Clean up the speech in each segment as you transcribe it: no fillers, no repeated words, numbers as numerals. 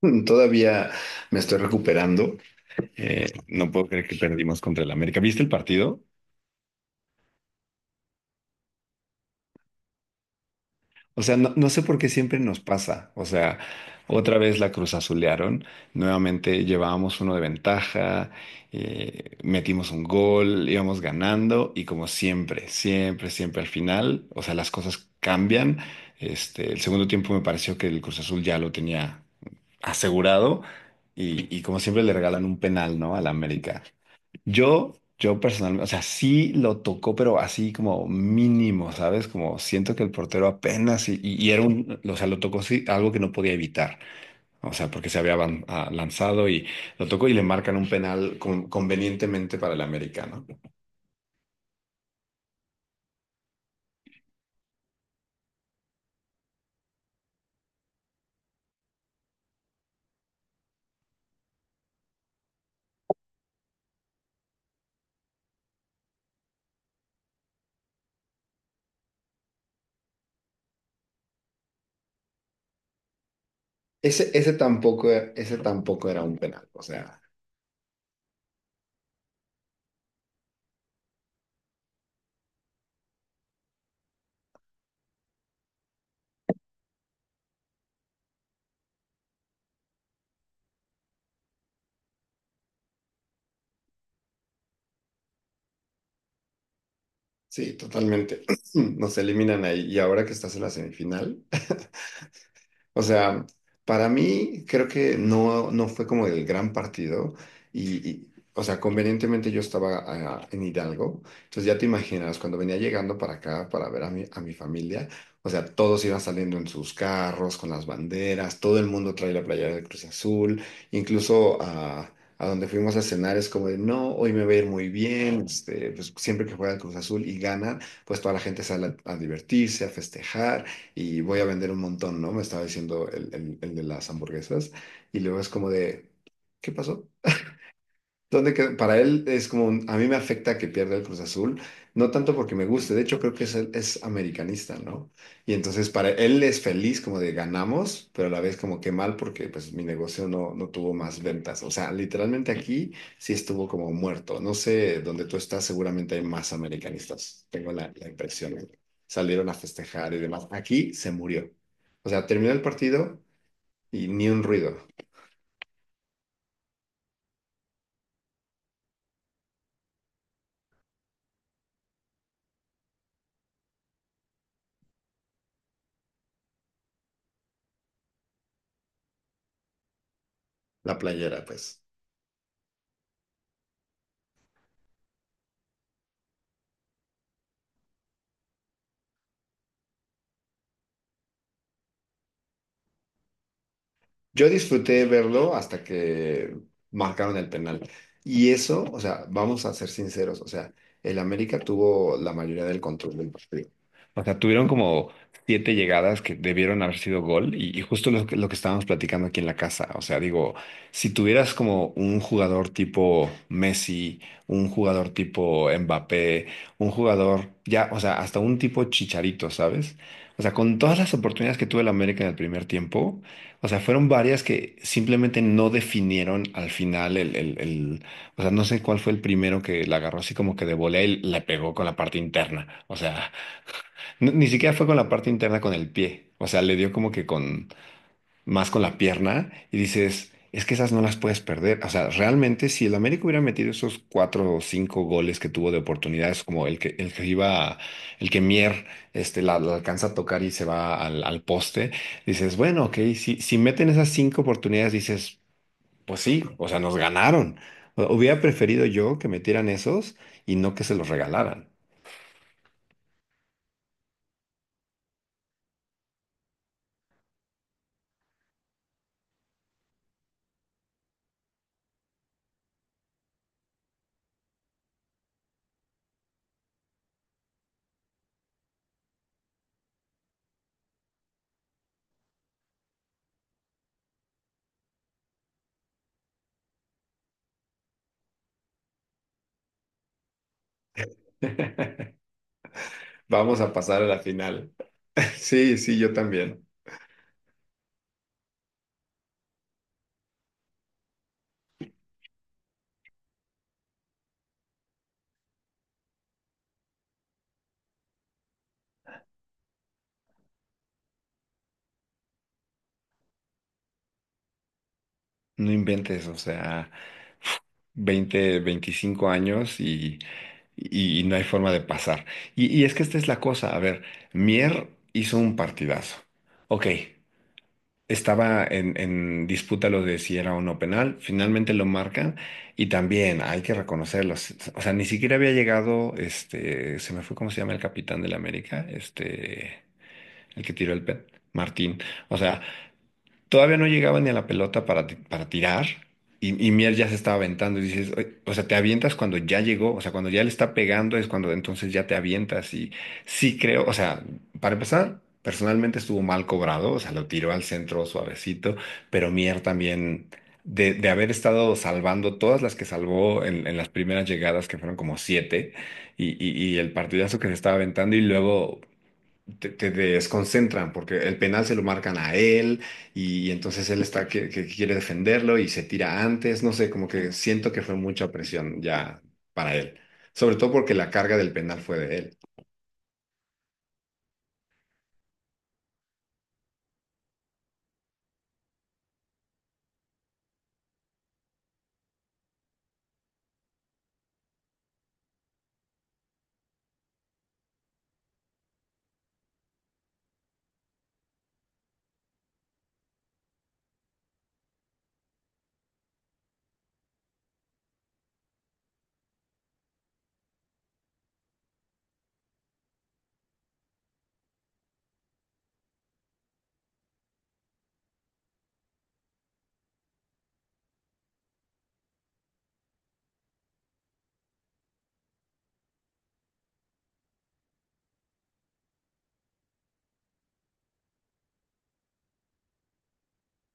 Todavía me estoy recuperando. No puedo creer que perdimos contra el América. ¿Viste el partido? O sea, no, no sé por qué siempre nos pasa. O sea, otra vez la Cruz Azulearon. Nuevamente llevábamos uno de ventaja, metimos un gol, íbamos ganando y como siempre, siempre, siempre al final, o sea, las cosas cambian. Este, el segundo tiempo me pareció que el Cruz Azul ya lo tenía asegurado y como siempre le regalan un penal, ¿no? Al América. Yo personalmente, o sea, sí lo tocó, pero así como mínimo, ¿sabes? Como siento que el portero apenas y era un, o sea, lo tocó sí, algo que no podía evitar, o sea, porque se había lanzado y lo tocó y le marcan un penal convenientemente para el americano. Ese tampoco, ese tampoco era un penal, o sea, sí, totalmente. Nos eliminan ahí y ahora que estás en la semifinal. O sea, para mí creo que no, no fue como el gran partido o sea, convenientemente yo estaba en Hidalgo, entonces ya te imaginas, cuando venía llegando para acá para ver a mi familia, o sea, todos iban saliendo en sus carros con las banderas, todo el mundo trae la playera de Cruz Azul, incluso a donde fuimos a cenar es como de, no, hoy me va a ir muy bien, este, pues siempre que juega el Cruz Azul y gana, pues toda la gente sale a divertirse, a festejar y voy a vender un montón, ¿no? Me estaba diciendo el de las hamburguesas. Y luego es como de, ¿qué pasó? Para él es como, a mí me afecta que pierda el Cruz Azul, no tanto porque me guste, de hecho creo que es americanista, ¿no? Y entonces para él es feliz como de ganamos, pero a la vez como que mal porque pues mi negocio no, no tuvo más ventas. O sea, literalmente aquí sí estuvo como muerto. No sé, donde tú estás seguramente hay más americanistas, tengo la impresión. Salieron a festejar y demás. Aquí se murió. O sea, terminó el partido y ni un ruido. La playera, pues. Yo disfruté verlo hasta que marcaron el penal. Y eso, o sea, vamos a ser sinceros, o sea, el América tuvo la mayoría del control del partido. O sea, tuvieron como siete llegadas que debieron haber sido gol y justo que lo que estábamos platicando aquí en la casa. O sea, digo, si tuvieras como un jugador tipo Messi, un jugador tipo Mbappé, un jugador ya, o sea, hasta un tipo Chicharito, ¿sabes? O sea, con todas las oportunidades que tuvo el América en el primer tiempo. O sea, fueron varias que simplemente no definieron al final o sea, no sé cuál fue el primero que la agarró así como que de volea y le pegó con la parte interna. O sea, ni siquiera fue con la parte interna con el pie. O sea, le dio como que con, más con la pierna y dices, es que esas no las puedes perder. O sea, realmente si el América hubiera metido esos cuatro o cinco goles que tuvo de oportunidades, como el que iba, el que Mier este, la alcanza a tocar y se va al poste, dices, bueno, ok, si meten esas cinco oportunidades, dices, pues sí, o sea, nos ganaron. Hubiera preferido yo que metieran esos y no que se los regalaran. Vamos a pasar a la final. Sí, sí, yo también. No inventes, o sea, 20, 25 años y no hay forma de pasar. Y es que esta es la cosa, a ver, Mier hizo un partidazo. Ok, estaba en disputa lo de si era o no penal, finalmente lo marcan y también hay que reconocerlo. O sea, ni siquiera había llegado, este, se me fue cómo se llama el capitán del América, este, el que tiró Martín. O sea, todavía no llegaba ni a la pelota para, para tirar y Mier ya se estaba aventando y dices, "Oye", o sea, te avientas cuando ya llegó, o sea, cuando ya le está pegando es cuando entonces ya te avientas y sí creo, o sea, para empezar, personalmente estuvo mal cobrado, o sea, lo tiró al centro suavecito, pero Mier también, de haber estado salvando todas las que salvó en las primeras llegadas, que fueron como siete, y el partidazo que se estaba aventando y luego te desconcentran porque el penal se lo marcan a él entonces él está que quiere defenderlo y se tira antes, no sé, como que siento que fue mucha presión ya para él, sobre todo porque la carga del penal fue de él.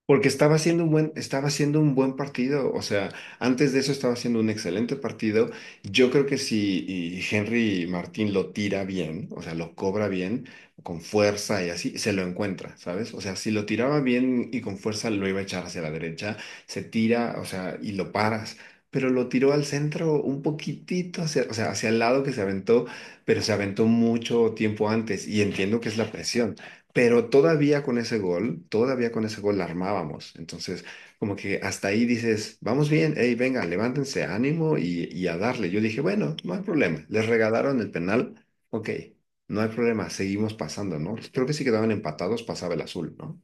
Porque estaba haciendo un buen partido, o sea, antes de eso estaba haciendo un excelente partido. Yo creo que si y Henry Martín lo tira bien, o sea, lo cobra bien, con fuerza y así, se lo encuentra, ¿sabes? O sea, si lo tiraba bien y con fuerza lo iba a echar hacia la derecha, se tira, o sea, y lo paras. Pero lo tiró al centro un poquitito hacia, o sea, hacia el lado que se aventó, pero se aventó mucho tiempo antes y entiendo que es la presión. Pero todavía con ese gol, todavía con ese gol la armábamos. Entonces, como que hasta ahí dices, vamos bien, hey, venga, levántense, ánimo y a darle. Yo dije, bueno, no hay problema. Les regalaron el penal, ok, no hay problema, seguimos pasando, ¿no? Pues creo que si quedaban empatados pasaba el azul, ¿no?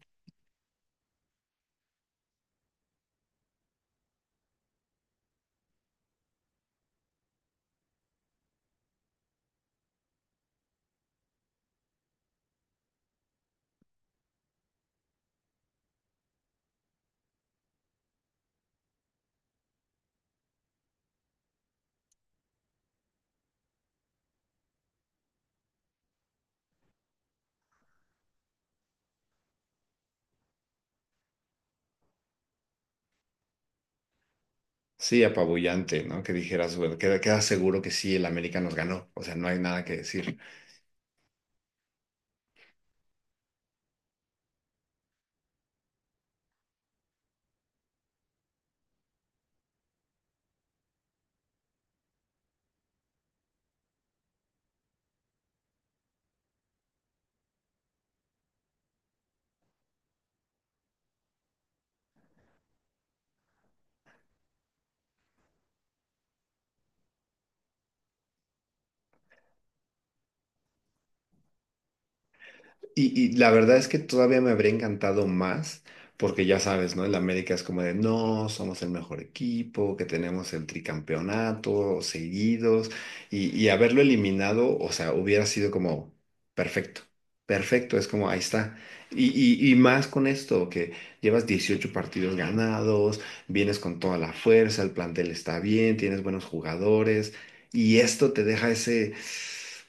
Sí, apabullante, ¿no? Que dijeras, bueno, queda seguro que sí, el América nos ganó. O sea, no hay nada que decir. Y la verdad es que todavía me habría encantado más, porque ya sabes, ¿no? El América es como de, no, somos el mejor equipo, que tenemos el tricampeonato seguidos, y haberlo eliminado, o sea, hubiera sido como perfecto, perfecto, es como, ahí está. Y, y más con esto, que llevas 18 partidos ganados, vienes con toda la fuerza, el plantel está bien, tienes buenos jugadores. Y esto te deja ese,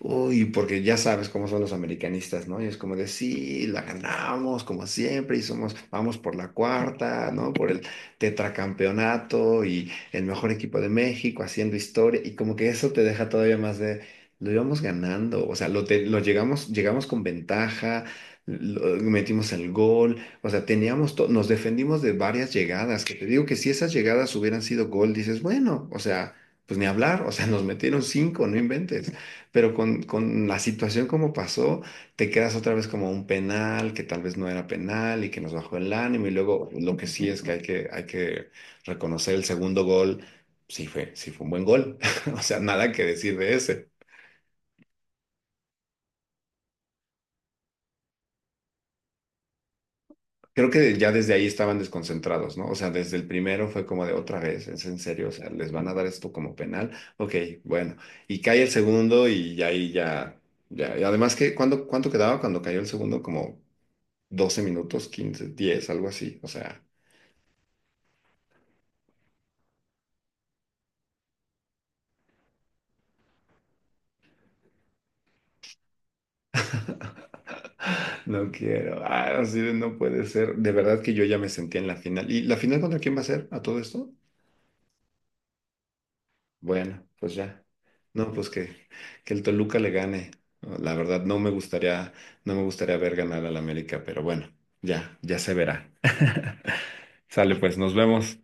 uy, porque ya sabes cómo son los americanistas, ¿no? Y es como de, sí, la ganamos como siempre y somos, vamos por la cuarta, ¿no? Por el tetracampeonato y el mejor equipo de México haciendo historia y como que eso te deja todavía más de, lo íbamos ganando, o sea, lo, lo llegamos, llegamos con ventaja, metimos el gol, o sea, teníamos, nos defendimos de varias llegadas, que te digo que si esas llegadas hubieran sido gol, dices, bueno, o sea pues ni hablar, o sea, nos metieron cinco, no inventes. Pero con la situación como pasó, te quedas otra vez como un penal, que tal vez no era penal y que nos bajó el ánimo. Y luego lo que sí es que hay que reconocer el segundo gol, sí fue un buen gol, o sea, nada que decir de ese. Creo que ya desde ahí estaban desconcentrados, ¿no? O sea, desde el primero fue como de otra vez, es en serio, o sea, les van a dar esto como penal. Ok, bueno. Y cae el segundo y ya ahí ya, ya. Y además que, ¿ cuánto quedaba cuando cayó el segundo? Como 12 minutos, 15, 10 algo así. O sea, no quiero. Ah, así de no puede ser. De verdad que yo ya me sentía en la final. ¿Y la final contra quién va a ser a todo esto? Bueno, pues ya. No, pues que el Toluca le gane. No, la verdad, no me gustaría, no me gustaría ver ganar al América, pero bueno, ya, ya se verá. Sale, pues, nos vemos.